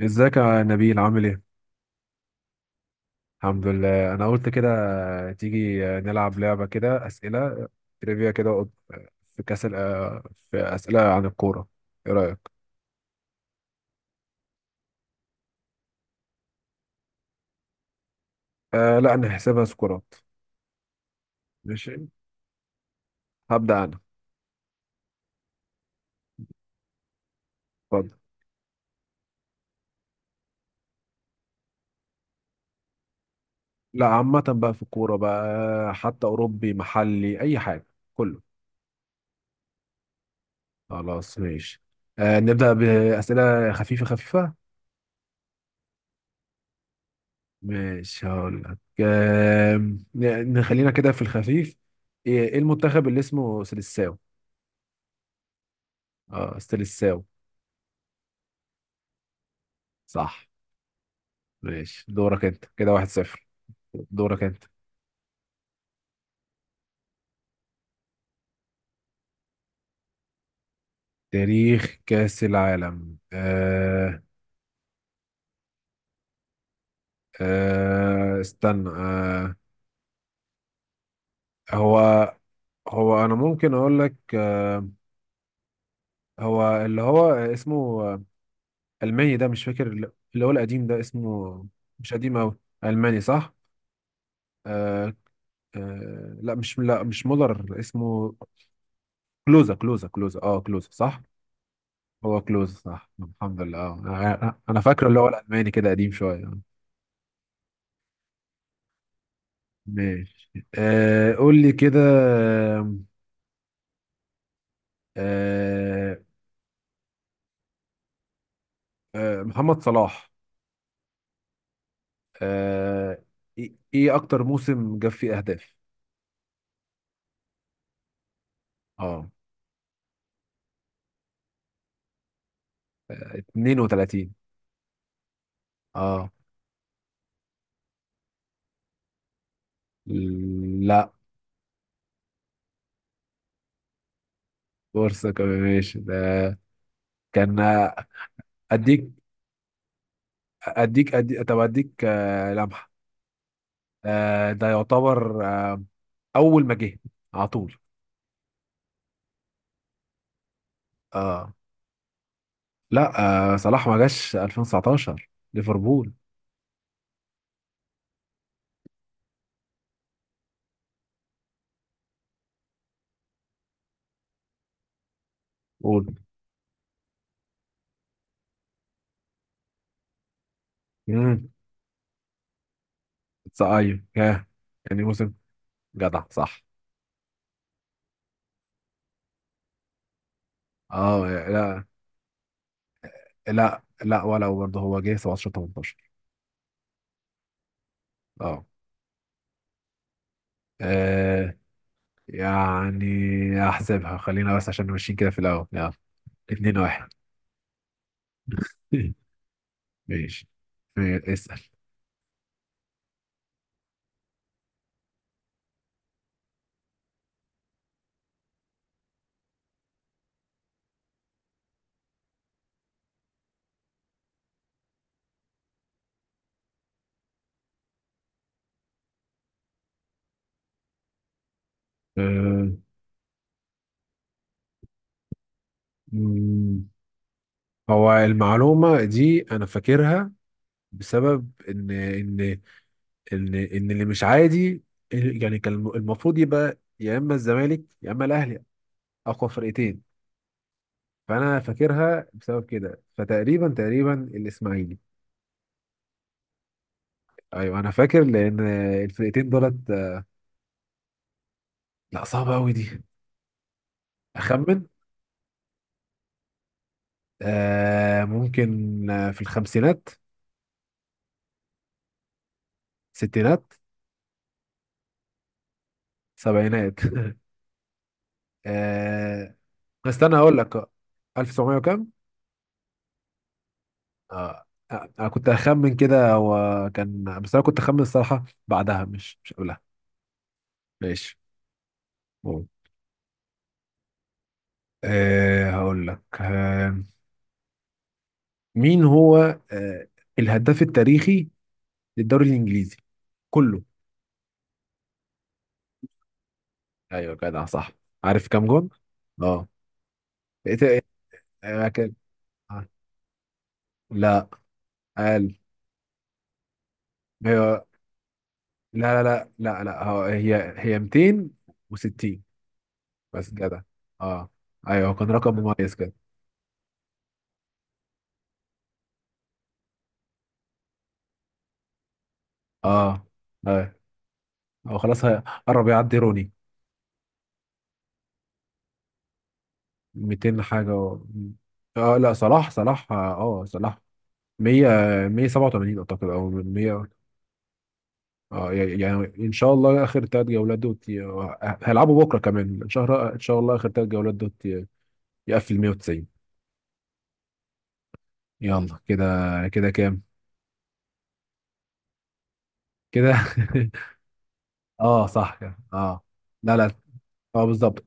ازيك يا نبيل عامل ايه؟ الحمد لله انا قلت كده. تيجي نلعب لعبة كده، اسئلة تريفيا كده. في كاس ال- في اسئلة عن الكورة. ايه رأيك؟ لا، نحسبها سكورات. ماشي، هبدأ انا. اتفضل. لا، عامة بقى في الكورة بقى، حتى اوروبي محلي اي حاجة، كله. خلاص ماشي. نبدأ بأسئلة خفيفة خفيفة. ماشي هقول لك. آه نخلينا كده في الخفيف. إيه المنتخب اللي اسمه سيلساو؟ اه، استلساو. صح. ماشي دورك انت كده، واحد صفر. دورك انت. تاريخ كأس العالم. استنى. آه هو هو انا ممكن اقول لك. هو اللي هو اسمه الماني، ده مش فاكر، اللي هو القديم ده اسمه. مش قديم قوي، الماني صح. آه آه لا مش لا مش مولر اسمه. كلوزا، كلوزا صح. هو كلوز صح، الحمد لله. آه. انا أنا فاكره اللي هو الالماني كده، قديم شويه. ماشي، قول لي كده. آه محمد صلاح. آه ايه إيه اكتر موسم جاب فيه اهداف؟ اه 32. اه لا. فرصه كمان ماشي، ده كان، آه، اديك اديك أدي... طب اديك لمحه. ده يعتبر اول ما جه على طول. اه لا، صلاح ما جاش 2019 ليفربول. قول. امم ايوه، ياه. يعني موسم جدع صح. اه لا لا لا، ولا برضه، هو جه 17/18. اه آه، يعني احسبها، خلينا بس عشان ماشيين كده في الاول، يلا. 2-1. ماشي. اسال. آه، مم، هو المعلومة دي أنا فاكرها بسبب إن إن ان ان اللي مش عادي، يعني كان المفروض يبقى يا اما الزمالك يا اما الاهلي، اقوى فرقتين. فانا فاكرها بسبب كده. فتقريبا الاسماعيلي. ايوه انا فاكر، لان الفرقتين دولت. لا، صعبه قوي دي. اخمن. ممكن في الخمسينات. ستينات. سبعينات. آه استنى اقول لك، 1900 وكام. انا كنت اخمن كده، وكان بس انا كنت اخمن الصراحه بعدها، مش مش قبلها. ماشي. مم. هقول لك مين هو أه الهداف التاريخي للدوري الانجليزي كله؟ ايوه جدع صح. عارف كام جون؟ اه إيه- آه، كان- آه. لا. قال. هي. لا لا لا لا لا هو- هي هي 260. بس جدع. اه ايوه، هو كان رقم مميز كده. اه اه هو خلاص قرب يعدي روني. 200 حاجه و... اه لا، صلاح، صلاح 100، 187 اعتقد، او 100. اه يعني يعني ان شاء الله اخر ثلاث جولات دوت ي-، هيلعبوا بكره كمان، ان شاء الله. ان شاء الله اخر ثلاث جولات دوت ي- يقفل 190. يلا كده، كده كام؟ كده. اه صح كده. اه لا لا اه بالظبط.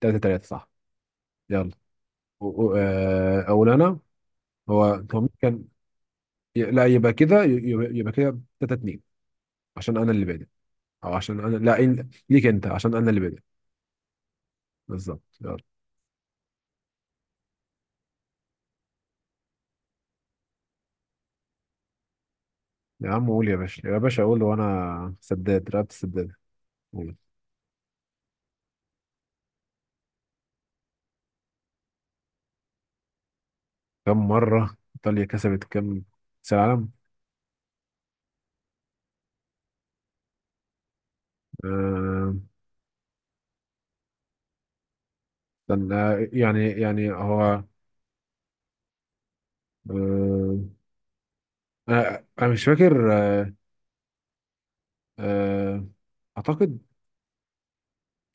3-3 صح. يلا. اول انا. هو هو مين كان؟ ي- لا يبقى كده ي- يبقى يبقى كده 3-2، عشان انا اللي بادئ. او عشان انا لا إن- ليك انت، عشان انا اللي بادئ. بالظبط. يا عم قول يا باشا، يا باشا قول وانا سداد رقبة السداد. قول. كم مرة ايطاليا كسبت كم كأس العالم؟ آه... استنى، هو، آه... انا أنا مش فاكر. آه... اعتقد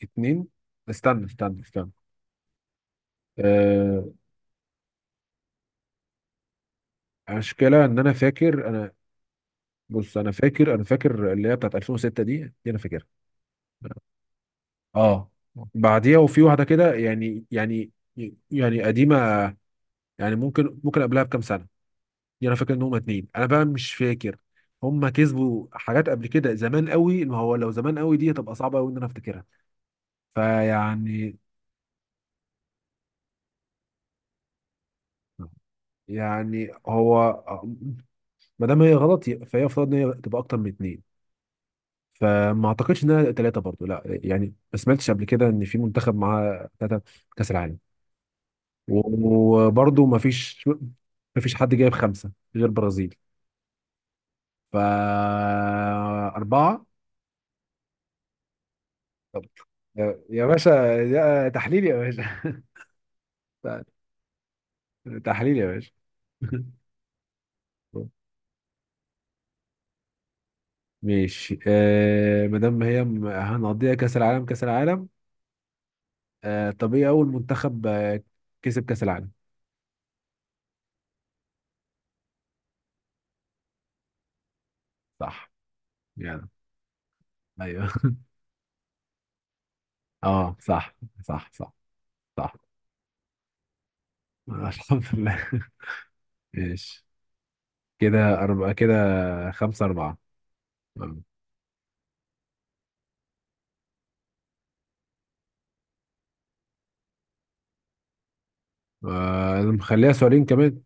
اتنين. استنى. آه... المشكلة ان انا فاكر. بص انا فاكر، فاكر اللي هي بتاعت 2006، دي دي انا فاكرها. اه بعديها وفي واحدة كده، يعني يعني يعني قديمة. يعني ممكن ممكن قبلها بكام سنه يعني. انا فاكر ان هما اتنين، انا بقى مش فاكر. هما كسبوا حاجات قبل كده زمان قوي، ما هو لو زمان قوي دي هتبقى صعبه قوي ان انا افتكرها. فيعني، يعني هو ما دام هي غلط فهي المفروض ان هي تبقى اكتر من اتنين، فما اعتقدش انها ثلاثه برضو، لا. يعني ما سمعتش قبل كده ان في منتخب معاه ثلاثه كاس العالم. وبرضو ما فيش حد جايب خمسه غير برازيل، فأربعة. طب يا يا باشا، ده تحليل يا باشا. تحليل يا باشا. ماشي. ما دام هي هنقضيها كأس العالم كأس العالم. طب ايه اول منتخب كسب كأس العالم؟ صح. يعني، ايوه. اه صح، صح صح صح. الحمد لله. ماشي. كده أربعة، كده خمسة أربعة. آه مخليها سؤالين كمان.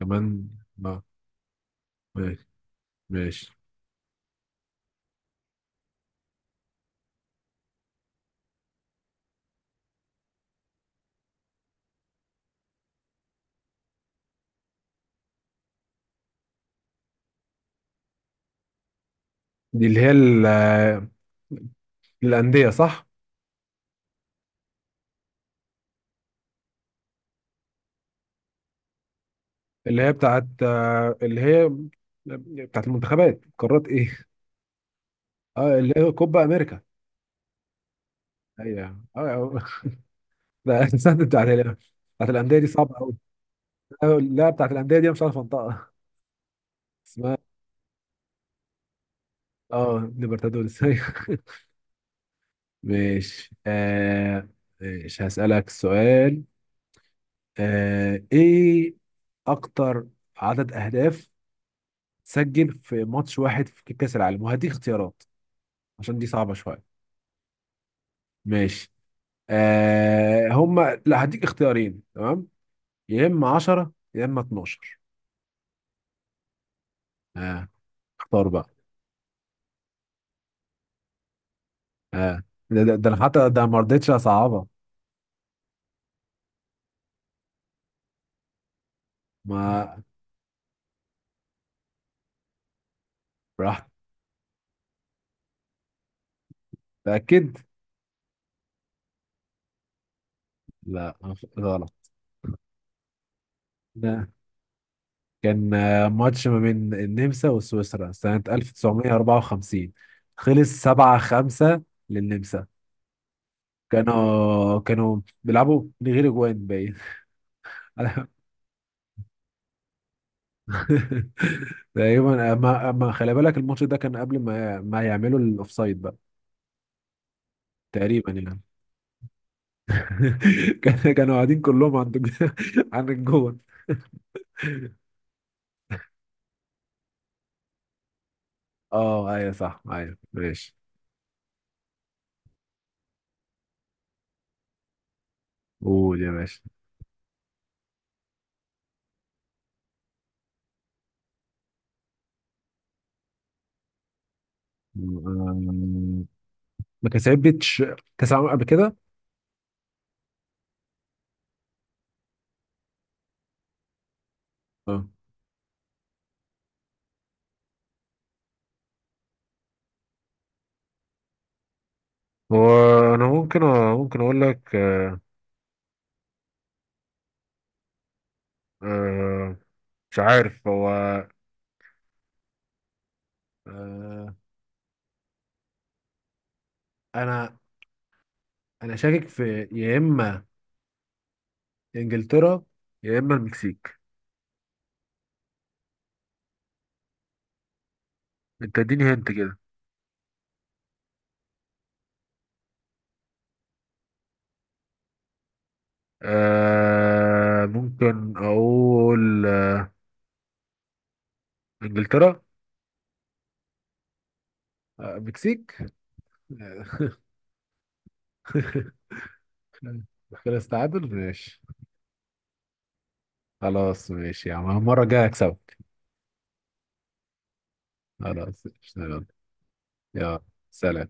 كمان. آه ماشي ماشي. دي اللي هي الأندية صح. اللي هي بتاعت، اللي هي بتاعت المنتخبات، قارات ايه. اه، اللي هي كوبا امريكا. ايوه، ده السنه بتاعت الانديه دي صعبه قوي. لا، بتاعت الانديه دي أنا مش عارف انطقها. اسمها، اه ليبرتادوريس. أيوة. ماشي. مش هسألك سؤال. ايه اكتر عدد اهداف تسجل في ماتش واحد في كأس العالم؟ وهديك اختيارات عشان دي صعبة شوية. ماشي. آه هما لا هديك اختيارين، تمام. يا اما 10 يا اما 12. اه اختار بقى. اه ده ده، ده أنا حتى ده ما رضيتش اصعبها. ما راح، تاكد. لا، غلط. ده كان ماتش ما بين النمسا وسويسرا سنة 1954. خلص 7-5 للنمسا. كانوا بيلعبوا من غير اجوان باين. تقريبا، ما ما خلي بالك الماتش ده كان قبل ما ما يعملوا الاوفسايد بقى. تقريبا يعني. كانوا قاعدين كلهم عند عند الجون. اه ايوه صح، ايوه ماشي. قول يا باشا. أمم، ما كسبتش كاس العالم قبل كده. اه وانا ممكن اقول لك آه، مش عارف هو. آه، انا شاكك في يا اما انجلترا يا اما المكسيك. انت اديني هنت كده. ممكن اقول انجلترا. مكسيك. كده استعادل. ماشي. خلاص ماشي يا عم، المرة الجاية هكسبك. خلاص ماشي، يلا. يلا، سلام.